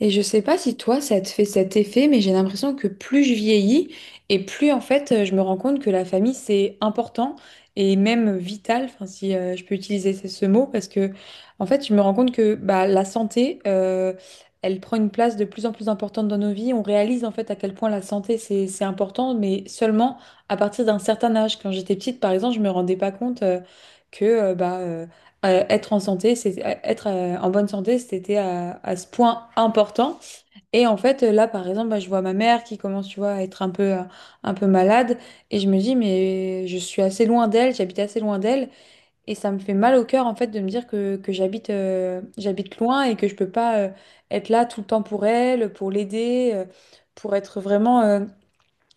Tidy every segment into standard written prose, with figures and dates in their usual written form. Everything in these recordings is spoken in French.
Et je sais pas si toi, ça te fait cet effet, mais j'ai l'impression que plus je vieillis et plus en fait, je me rends compte que la famille, c'est important et même vital, enfin, si je peux utiliser ce mot, parce que en fait, je me rends compte que bah, la santé, elle prend une place de plus en plus importante dans nos vies. On réalise en fait à quel point la santé, c'est important, mais seulement à partir d'un certain âge. Quand j'étais petite, par exemple, je me rendais pas compte que euh, bah, euh, être en santé, c'est être en bonne santé, c'était à ce point important. Et en fait, là, par exemple, bah, je vois ma mère qui commence, tu vois, à être un peu malade, et je me dis, mais je suis assez loin d'elle, j'habite assez loin d'elle, et ça me fait mal au cœur, en fait, de me dire que j'habite, j'habite loin et que je peux pas être là tout le temps pour elle, pour l'aider, pour être vraiment,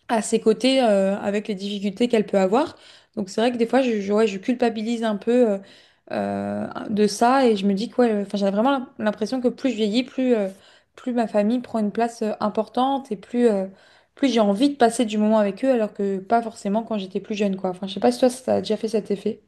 à ses côtés avec les difficultés qu'elle peut avoir. Donc c'est vrai que des fois, ouais, je culpabilise un peu de ça et je me dis que ouais, enfin, j'ai vraiment l'impression que plus je vieillis, plus ma famille prend une place importante et plus j'ai envie de passer du moment avec eux alors que pas forcément quand j'étais plus jeune, quoi. Enfin, je sais pas si toi, ça t'a déjà fait cet effet.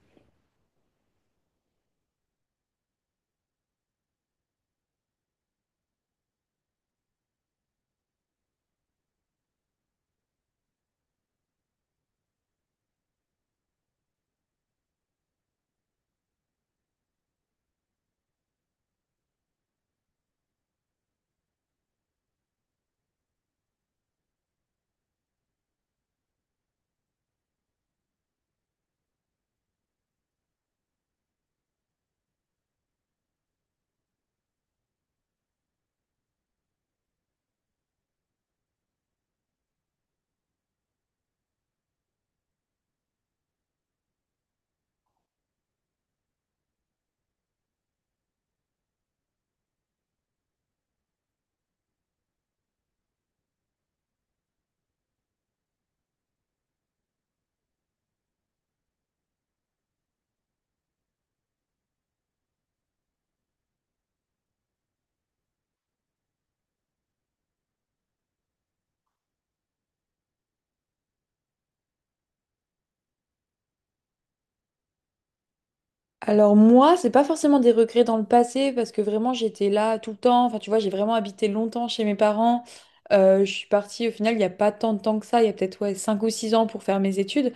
Alors moi, c'est pas forcément des regrets dans le passé parce que vraiment j'étais là tout le temps. Enfin, tu vois, j'ai vraiment habité longtemps chez mes parents. Je suis partie au final il n'y a pas tant de temps que ça, il y a peut-être ouais, 5 ou 6 ans pour faire mes études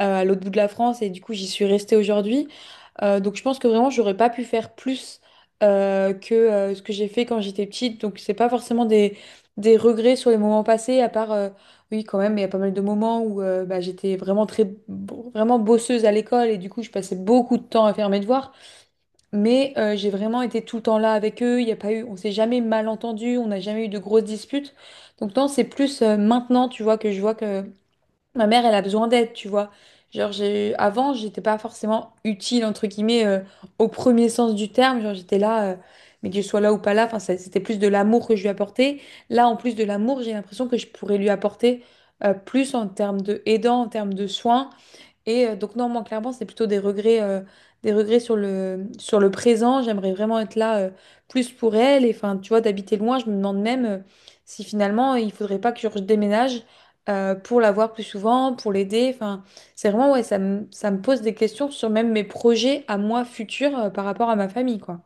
à l'autre bout de la France et du coup j'y suis restée aujourd'hui. Donc je pense que vraiment j'aurais pas pu faire plus que ce que j'ai fait quand j'étais petite. Donc c'est pas forcément des regrets sur les moments passés à part oui, quand même, il y a pas mal de moments où bah, j'étais vraiment bosseuse à l'école et du coup, je passais beaucoup de temps à faire mes devoirs. Mais j'ai vraiment été tout le temps là avec eux. Il y a pas eu, on s'est jamais mal entendu, on n'a jamais eu de grosses disputes. Donc non, c'est plus maintenant, tu vois, que je vois que ma mère, elle a besoin d'aide, tu vois. Genre, j'ai... avant, j'étais pas forcément utile, entre guillemets, au premier sens du terme. Genre, j'étais là, mais que je sois là ou pas là, enfin, c'était plus de l'amour que je lui apportais. Là, en plus de l'amour, j'ai l'impression que je pourrais lui apporter plus en termes de aidant, en termes de soins. Et donc non, moi clairement, c'est plutôt des regrets sur sur le présent. J'aimerais vraiment être là plus pour elle. Et enfin, tu vois, d'habiter loin, je me demande même si finalement il faudrait pas que je déménage pour la voir plus souvent, pour l'aider. Enfin, c'est vraiment ouais, ça me pose des questions sur même mes projets à moi futurs par rapport à ma famille, quoi.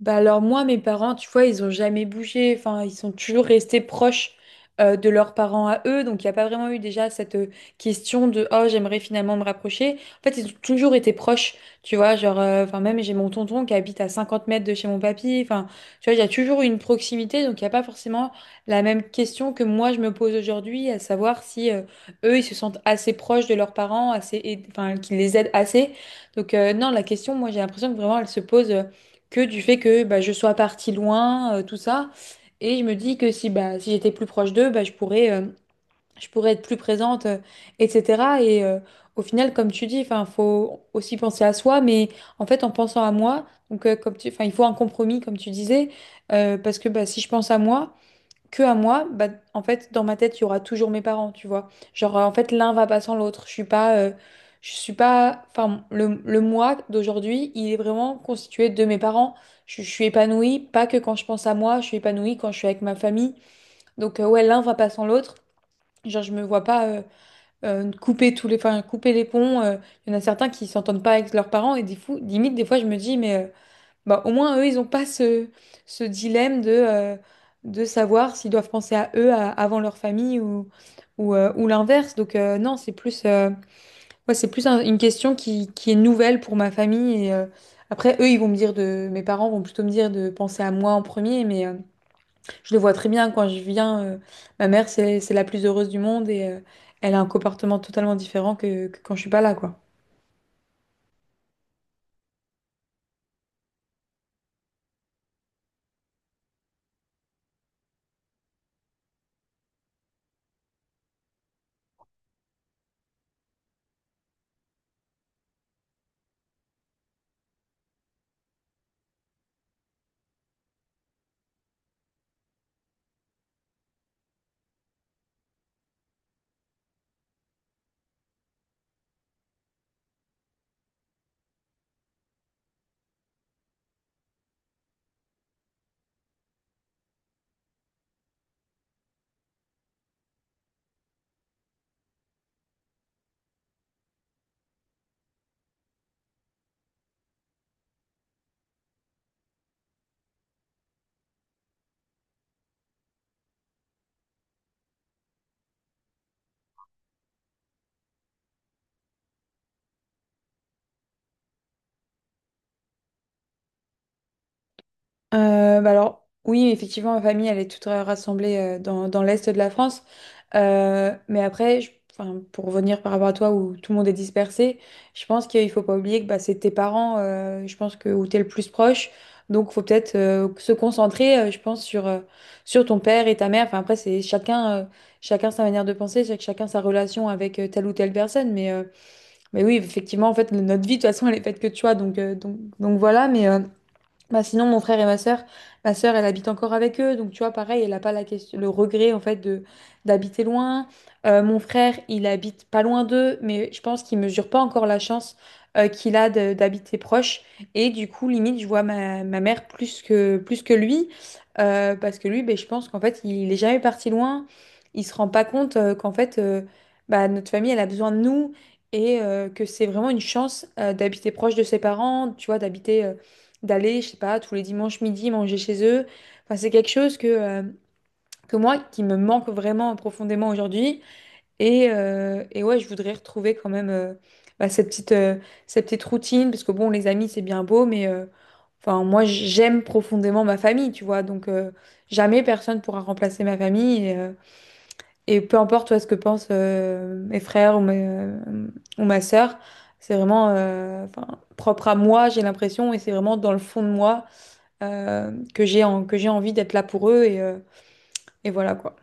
Bah alors moi, mes parents, tu vois, ils ont jamais bougé. Enfin, ils sont toujours restés proches de leurs parents à eux. Donc, il n'y a pas vraiment eu déjà cette question de «Oh, j'aimerais finalement me rapprocher». En fait, ils ont toujours été proches, tu vois. Genre, enfin, même j'ai mon tonton qui habite à 50 mètres de chez mon papy. Enfin, tu vois, il y a toujours une proximité. Donc, il n'y a pas forcément la même question que moi, je me pose aujourd'hui, à savoir si eux, ils se sentent assez proches de leurs parents, enfin, qu'ils les aident assez. Donc, non, la question, moi, j'ai l'impression que vraiment, elle se pose... que du fait que bah, je sois partie loin, tout ça. Et je me dis que si, bah, si j'étais plus proche d'eux, bah, je pourrais être plus présente, etc. Et au final, comme tu dis, enfin, faut aussi penser à soi, mais en fait, en pensant à moi, donc, enfin, il faut un compromis, comme tu disais, parce que bah, si je pense à moi, que à moi, bah, en fait, dans ma tête, il y aura toujours mes parents, tu vois. Genre, en fait, l'un va pas sans l'autre. Je suis pas, enfin, le moi d'aujourd'hui, il est vraiment constitué de mes parents. Je suis épanouie, pas que quand je pense à moi, je suis épanouie quand je suis avec ma famille. Donc, ouais, l'un va pas sans l'autre. Genre, je me vois pas couper enfin, couper les ponts. Il y en a certains qui s'entendent pas avec leurs parents et des fous, limite, des fois, je me dis, mais bah, au moins, eux, ils n'ont pas ce dilemme de savoir s'ils doivent penser à avant leur famille ou, ou l'inverse. Donc, non, c'est c'est plus une question qui est nouvelle pour ma famille. Et, après, eux, ils vont me dire de, mes parents vont plutôt me dire de penser à moi en premier, mais je le vois très bien quand je viens. Ma mère, c'est la plus heureuse du monde et elle a un comportement totalement différent que quand je suis pas là, quoi. Bah alors, oui, effectivement, ma famille, elle est toute rassemblée dans l'Est de la France. Mais après, enfin, pour revenir par rapport à toi où tout le monde est dispersé, je pense qu'il faut pas oublier que bah, c'est tes parents, je pense que où t'es le plus proche. Donc, faut peut-être se concentrer, je pense, sur ton père et ta mère. Enfin, après, chacun sa manière de penser, chacun sa relation avec telle ou telle personne. Mais oui, effectivement, en fait, notre vie, de toute façon, elle est faite que de choix. Donc, donc voilà, mais bah sinon, mon frère et ma sœur, elle habite encore avec eux. Donc, tu vois, pareil, elle n'a pas la question, le regret, en fait, de d'habiter loin. Mon frère, il habite pas loin d'eux, mais je pense qu'il mesure pas encore la chance qu'il a d'habiter proche. Et du coup, limite, je vois ma mère plus que lui. Parce que lui, ben, je pense qu'en fait, il est jamais parti loin. Il se rend pas compte bah, notre famille, elle a besoin de nous. Et que c'est vraiment une chance d'habiter proche de ses parents, tu vois, d'habiter... d'aller, je sais pas, tous les dimanches midi manger chez eux. Enfin, c'est quelque chose que moi, qui me manque vraiment profondément aujourd'hui. Et ouais, je voudrais retrouver quand même bah, cette petite routine, parce que bon, les amis, c'est bien beau, mais enfin, moi, j'aime profondément ma famille, tu vois. Donc, jamais personne pourra remplacer ma famille. Et peu importe, toi, ce que pensent mes frères ou ma sœur, c'est vraiment enfin, propre à moi, j'ai l'impression, et c'est vraiment dans le fond de moi que j'ai envie d'être là pour eux et voilà quoi.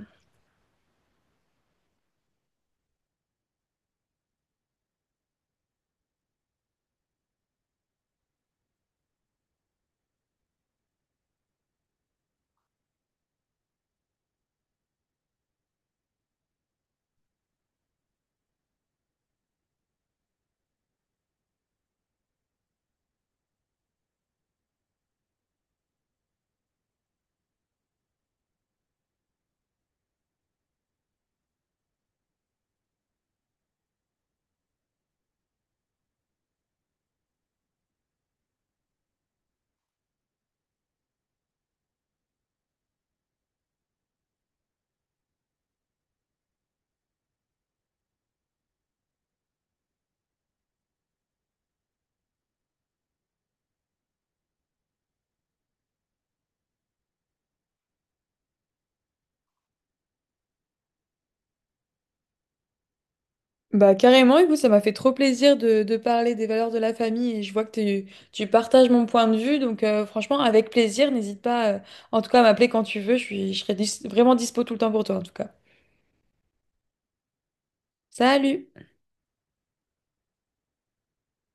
Bah carrément, écoute, ça m'a fait trop plaisir de parler des valeurs de la famille et je vois que tu, tu partages mon point de vue, donc franchement, avec plaisir, n'hésite pas en tout cas à m'appeler quand tu veux, je serai vraiment dispo tout le temps pour toi en tout cas. Salut!